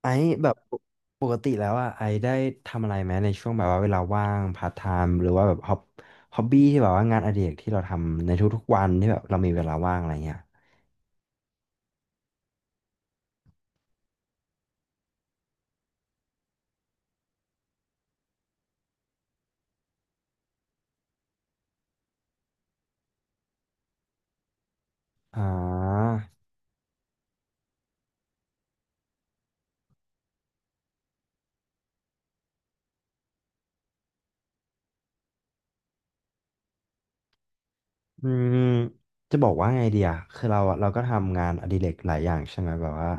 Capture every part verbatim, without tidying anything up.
ไอ้แบบปกติแล้วอ่ะไอ้ได้ทำอะไรไหมในช่วงแบบว่าเวลาว่างพาร์ทไทม์หรือว่าแบบฮอบฮอบบี้ที่แบบว่างานอดิเรกที่เราทำในทุกๆวันที่แบบเรามีเวลาว่างอะไรเงี้ยอ่า อืมจะบอกว่าไงเดียคือเราอะเราก็ทำงานอดิเรกหลายอย่างใช่ไหมแบบว่า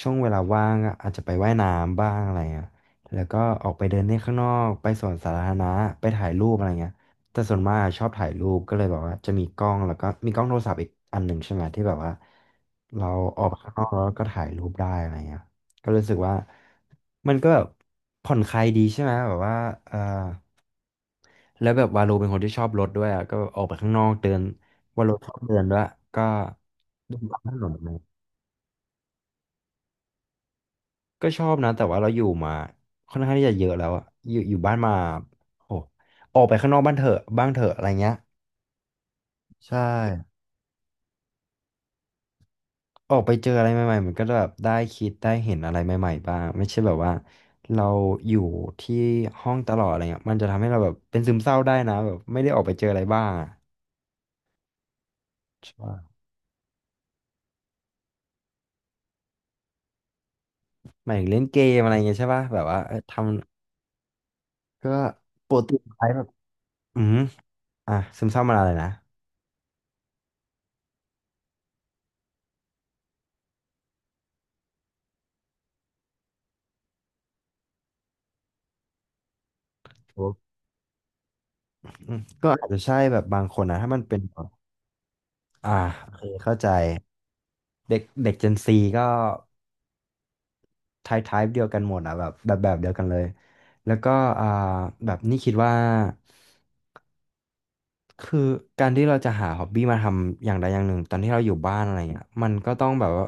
ช่วงเวลาว่างอะอาจจะไปว่ายน้ำบ้างอะไรเงี้ยแล้วก็ออกไปเดินเล่นข้างนอกไปสวนสาธารณะไปถ่ายรูปอะไรเงี้ยแต่ส่วนมากอะชอบถ่ายรูปก็เลยแบบว่าจะมีกล้องแล้วก็มีกล้องโทรศัพท์อีกอันหนึ่งใช่ไหมที่แบบว่าเราออกไปข้างนอกแล้วก็ถ่ายรูปได้อะไรเงี้ยก็รู้สึกว่ามันก็แบบผ่อนคลายดีใช่ไหมแบบว่าเออ แล้วแบบวาโลเป็นคนที่ชอบรถด้วยอ่ะก็ออกไปข้างนอกเดินวาโลชอบเดินด้วยก็เดินตามถนนอะไหมก็ชอบนะแต่ว่าเราอยู่มาค่อนข้างที่จะเยอะแล้วอะอยู่อยู่บ้านมาโอ้ออกไปข้างนอกบ้านเถอะบ้างเถอะอะไรเงี้ยใช่ออกไปเจออะไรใหม่ๆมันก็แบบได้คิดได้เห็นอะไรใหม่ๆบ้างไม่ใช่แบบว่าเราอยู่ที่ห้องตลอดอะไรเงี้ยมันจะทำให้เราแบบเป็นซึมเศร้าได้นะแบบไม่ได้ออกไปเจออะไรบ้างอะใช่หมายถึงเล่นเกมอะไรเงี้ยใช่ป่ะแบบว่าเออท ก็ปกติไลฟ์แบบ อืมอ่ะซึมเศร้ามันอะไรนะโอ้อืมก็อาจจะใช่แบบบางคนนะถ้ามันเป็นแบบอ่าโอเคเข้าใจ เด็กเด็กเจนซีก็ไทป์ไทป์เดียวกันหมดอ่ะแบบแบบแบบเดียวกันเลย แล้วก็อ่าแบบนี่คิดว่า คือการที่เราจะหาฮอบบี้มาทำอย่างใดอย่างหนึ่งตอนที่เราอยู่บ้านอะไรเงี้ยมันก็ต้องแบบว่า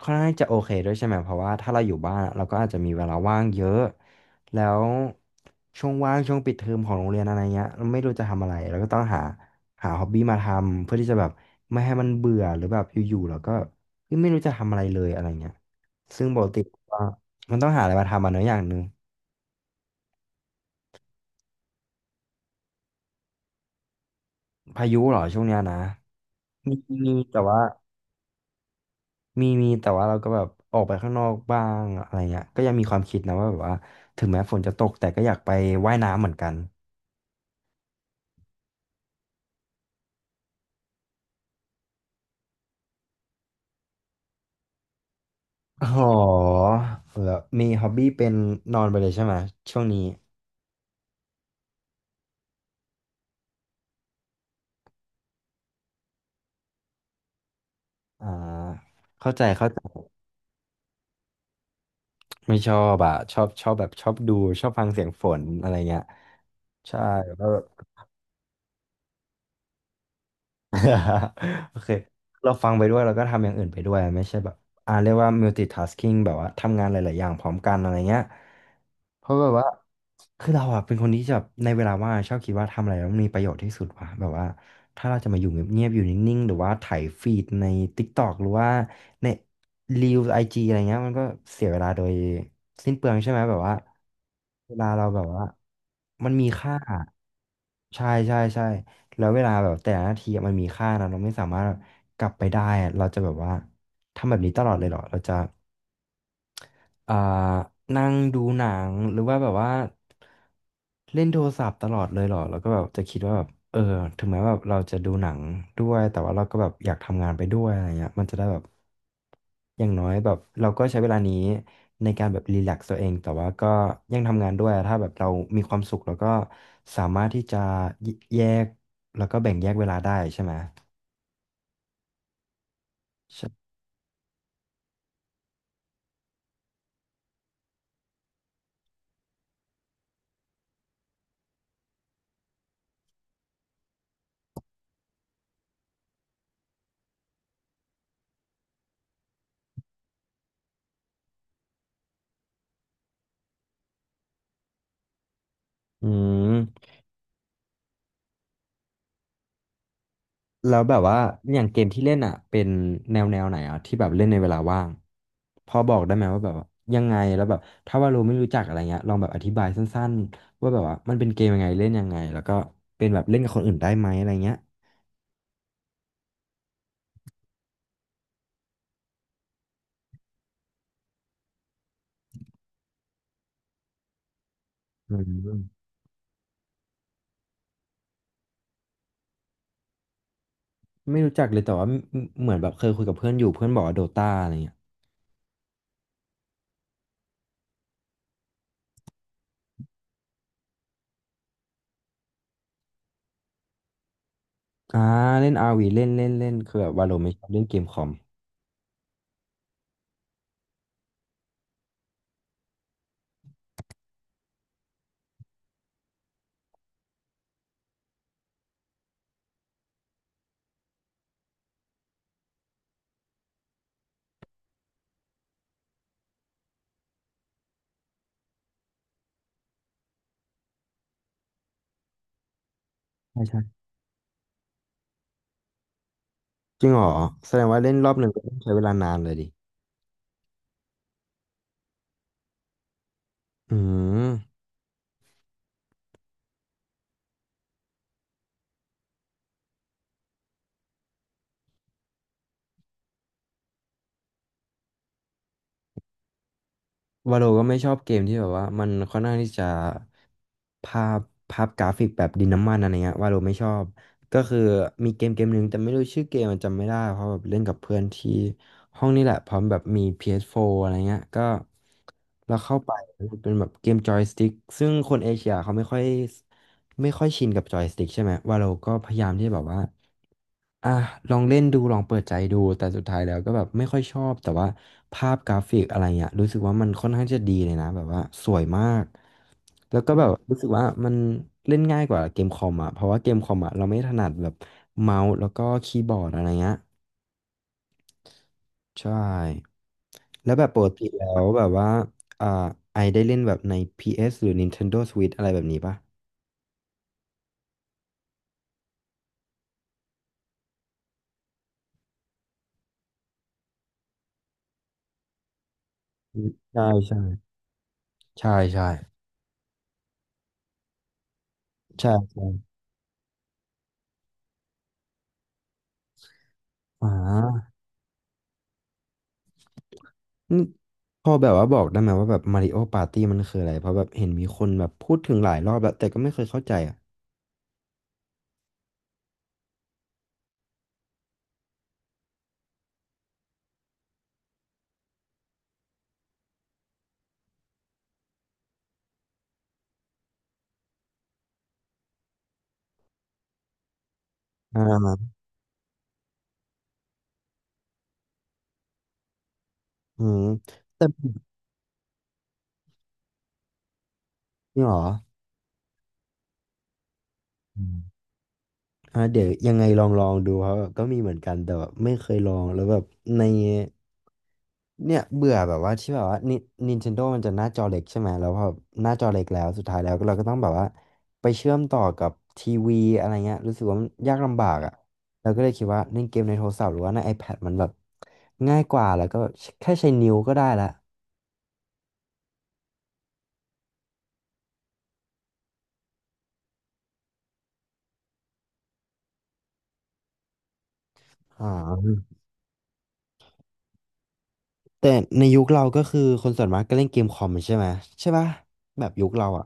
ค่อนข้างจะโอเคด้วยใช่ไหมเพราะว่าถ้าเราอยู่บ้านอะเราก็อาจจะมีเวลาว่างเยอะแล้วช่วงว่างช่วงปิดเทอมของโรงเรียนอะไรเงี้ยเราไม่รู้จะทำอะไรเราก็ต้องหาหาฮอบบี้มาทำเพื่อที่จะแบบไม่ให้มันเบื่อหรือแบบอยู่ๆเราก็เฮ้ยไม่รู้จะทำอะไรเลยอะไรเงี้ยซึ่งปกติก็มันต้องหาอะไรมาทำอ่ะเนอะอย่างหนึ่งพายุเหรอช่วงเนี้ยนะมีมีแต่ว่า มีมีแต่ว่าเราก็แบบออกไปข้างนอกบ้างอะไรเงี้ยก็ยังมีความคิดนะว่าแบบว่าถึงแม้ฝนจะตกแต่ก็อยากไปว่ายน้ำเหมือนกันอ๋อแล้วมีฮ็อบบี้เป็นนอนไปเลยใช่ไหมช่วงนี้อ่าเข้าใจเข้าใจไม่ชอบอ่ะชอบชอบแบบชอบดูชอบฟังเสียงฝนอะไรเงี้ยใช่แล้ว โอเคเราฟังไปด้วยเราก็ทำอย่างอื่นไปด้วยไม่ใช่แบบอ่าเรียกว่า มัลติทาสกิ้ง แบบว่าทำงานหลายๆอย่างพร้อมกันอะไรเงี้ยเพราะแบบว่าคือเราอะเป็นคนที่จะแบบในเวลาว่างชอบคิดว่าทำอะไรแล้วมันมีประโยชน์ที่สุดว่ะแบบว่าถ้าเราจะมาอยู่เงียบๆอยู่นิ่งๆหรือว่าไถ่ายฟีดใน ติ๊กต็อก หรือว่าในรีวไอจีอะไรเงี้ยมันก็เสียเวลาโดยสิ้นเปลืองใช่ไหมแบบว่าเวลาเราแบบว่ามันมีค่าใช่ใช่ใช่ แล้วเวลาแบบแต่ละนาทีอะมันมีค่านะเราไม่สามารถแบบกลับไปได้อะเราจะแบบว่าทำแบบนี้ตลอดเลยเหรอเราจะ อ่านั่งดูหนังหรือว่าแบบว่าเล่นโทรศัพท์ตลอดเลยเหรอแล้วก็แบบจะคิดว่าแบบเออถึงแม้แบบเราจะดูหนังด้วยแต่ว่าเราก็แบบอยากทำงานไปด้วยอะไรเงี้ยมันจะได้แบบอย่างน้อยแบบเราก็ใช้เวลานี้ในการแบบรีแลกซ์ตัวเองแต่ว่าก็ยังทำงานด้วยถ้าแบบเรามีความสุขแล้วก็สามารถที่จะแยกแล้วก็แบ่งแยกเวลาได้ใช่ไหมใช่อืม แล้วแบบว่าอย่างเกมที่เล่นอ่ะเป็นแนวแนวไหนอ่ะที่แบบเล่นในเวลาว่างพอบอกได้ไหมว่าแบบว่ายังไงแล้วแบบถ้าว่าเราไม่รู้จักอะไรเงี้ยลองแบบอธิบายสั้นๆว่าแบบว่ามันเป็นเกมยังไงเล่นยังไงแล้วก็เป็นแบบเล่นกับคนอื่นได้ไหมอะไรเงี้ยอืมไม่รู้จักเลยแต่ว่าเหมือนแบบเคยคุยกับเพื่อนอยู่เพื่อนบอกว่าโดตาอะไรเงี้ยอ่าเล่นอาร์วีเล่นเล่นเล่นคือแบบว่าเราไม่ชอบเล่นเกมคอมใช่ใช่จริงเหรอแสดงว่าเล่นรอบหนึ่งก็ต้องใช้เวลานานเลยดิอืม วาโลก็ไม่ชอบเกมที่แบบว่ามันค่อนข้างที่จะภาพภาพกราฟิกแบบดินน้ำมันอะไรเงี้ยวาโลไม่ชอบก็คือมีเกมเกมหนึ่งแต่ไม่รู้ชื่อเกมมันจำไม่ได้เพราะแบบเล่นกับเพื่อนที่ห้องนี่แหละพร้อมแบบมี พี เอส โฟร์ อสโฟร์อะไรเงี้ยก็เราเข้าไปเป็นแบบเกมจอยสติ๊กซึ่งคนเอเชียเขาไม่ค่อยไม่ค่อยชินกับจอยสติ๊กใช่ไหมวาโลก็พยายามที่จะแบบว่า อ่ะลองเล่นดูลองเปิดใจดูแต่สุดท้ายแล้วก็แบบไม่ค่อยชอบแต่ว่าภาพกราฟิกอะไรเงี้ยรู้สึกว่ามันค่อนข้างจะดีเลยนะแบบว่าสวยมากแล้วก็อแบบรู้สึกว่ามันเล่นง่ายกว่าเกมคอมอ่ะเพราะว่าเกมคอมอ่ะเราไม่ถนัดแบบเมาส์แล้วก็คีย์บอร์ดอะไรเงี้ยใช่แล้วแบบปกติแล้วแบบว่าอ่าไอได้เล่นแบบในพีเอสหรือ Nintendo Switch อะไรแบบนี้ปะใช่ใช่ใช่ใช่ใช่ใช่อ่า อืมพอแบบว่าบอกได้ไหมว่าแบบมาริโอปาร์ตี้มันคืออะไรเพราะแบบเห็นมีคนแบบพูดถึงหลายรอบแล้วแต่ก็ไม่เคยเข้าใจอ่ะอ่าอืมแต่นี่หรออืมอ่าเดี๋ยวยังไงลองลองดูครับแบบก็มีเหมือนกันแต่แบบไม่เคยลองแล้วแบบใน เนี่ยเบื่อแบบว่าที่แบบว่านิ Nintendo มันจะหน้าจอเล็กใช่ไหมแล้วพอหน้าจอเล็กแล้วสุดท้ายแล้วก็เราก็ต้องแบบว่าไปเชื่อมต่อกับทีวีอะไรเงี้ยรู้สึกว่ามันยากลำบากอ่ะเราก็เลยคิดว่าเล่นเกมในโทรศัพท์หรือว่าใน iPad มันแบบง่ายกว่าแล้วก็แค่ใช้นิ้วก็ได้ละอ่าแต่ในยุคเราก็คือคนส่วนมากก็เล่นเกมคอมใช่ไหมใช่ปะแบบยุคเราอ่ะ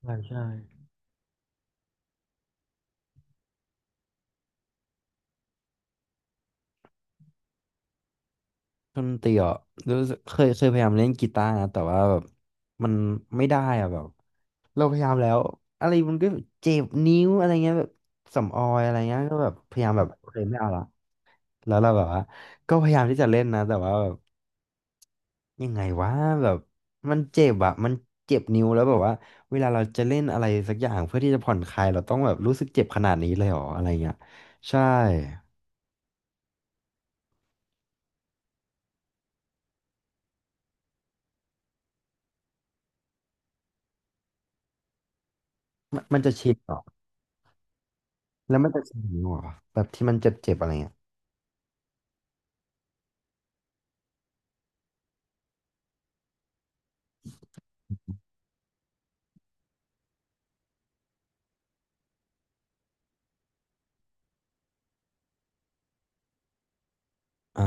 ใช่ใช่ ดนตรีอ่ะรู้สึกเคยเคยพยายามเล่นกีตาร์นะแต่ว่าแบบมันไม่ได้อ่ะแบบเราพยายามแล้วอะไรมันก็เจ็บนิ้วอะไรเงี้ยแบบสำออยอะไรเงี้ยก็แบบพยายามแบบโอเคไม่เอาละแล้วเราแบบว่าก็พยายามที่จะเล่นนะแต่ว่าแบบยังไงวะแบบมันเจ็บอ่ะมันเจ็บนิ้วแล้วแบบว่าเวลาเราจะเล่นอะไรสักอย่างเพื่อที่จะผ่อนคลายเราต้องแบบรู้สึกเจ็บขนาดนี้เลยเหรออะไรเงี้ยใช่มันมันจะชินเหรอแล้วมันจะชินนิ้วเหรอแบบที่มันเจ็บๆอะไรเงี้ย อ่า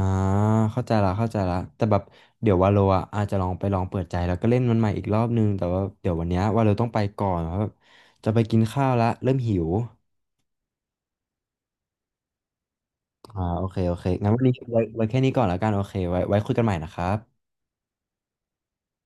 เข้าใจละเข้าใจละแต่แบบเดี๋ยววาโลอ่ะอาจจะลองไปลองเปิดใจแล้วก็เล่นมันใหม่อีกรอบนึงแต่ว่าเดี๋ยววันเนี้ยวาโลต้องไปก่อนเพราะแบบจะไปกินข้าวละเริ่มหิวอ่าโอเคโอเคงั้นวันนี้ไว้ไว้แค่นี้ก่อนแล้วกันโอเคไว้ไว้คุยกันใหม่นะครับ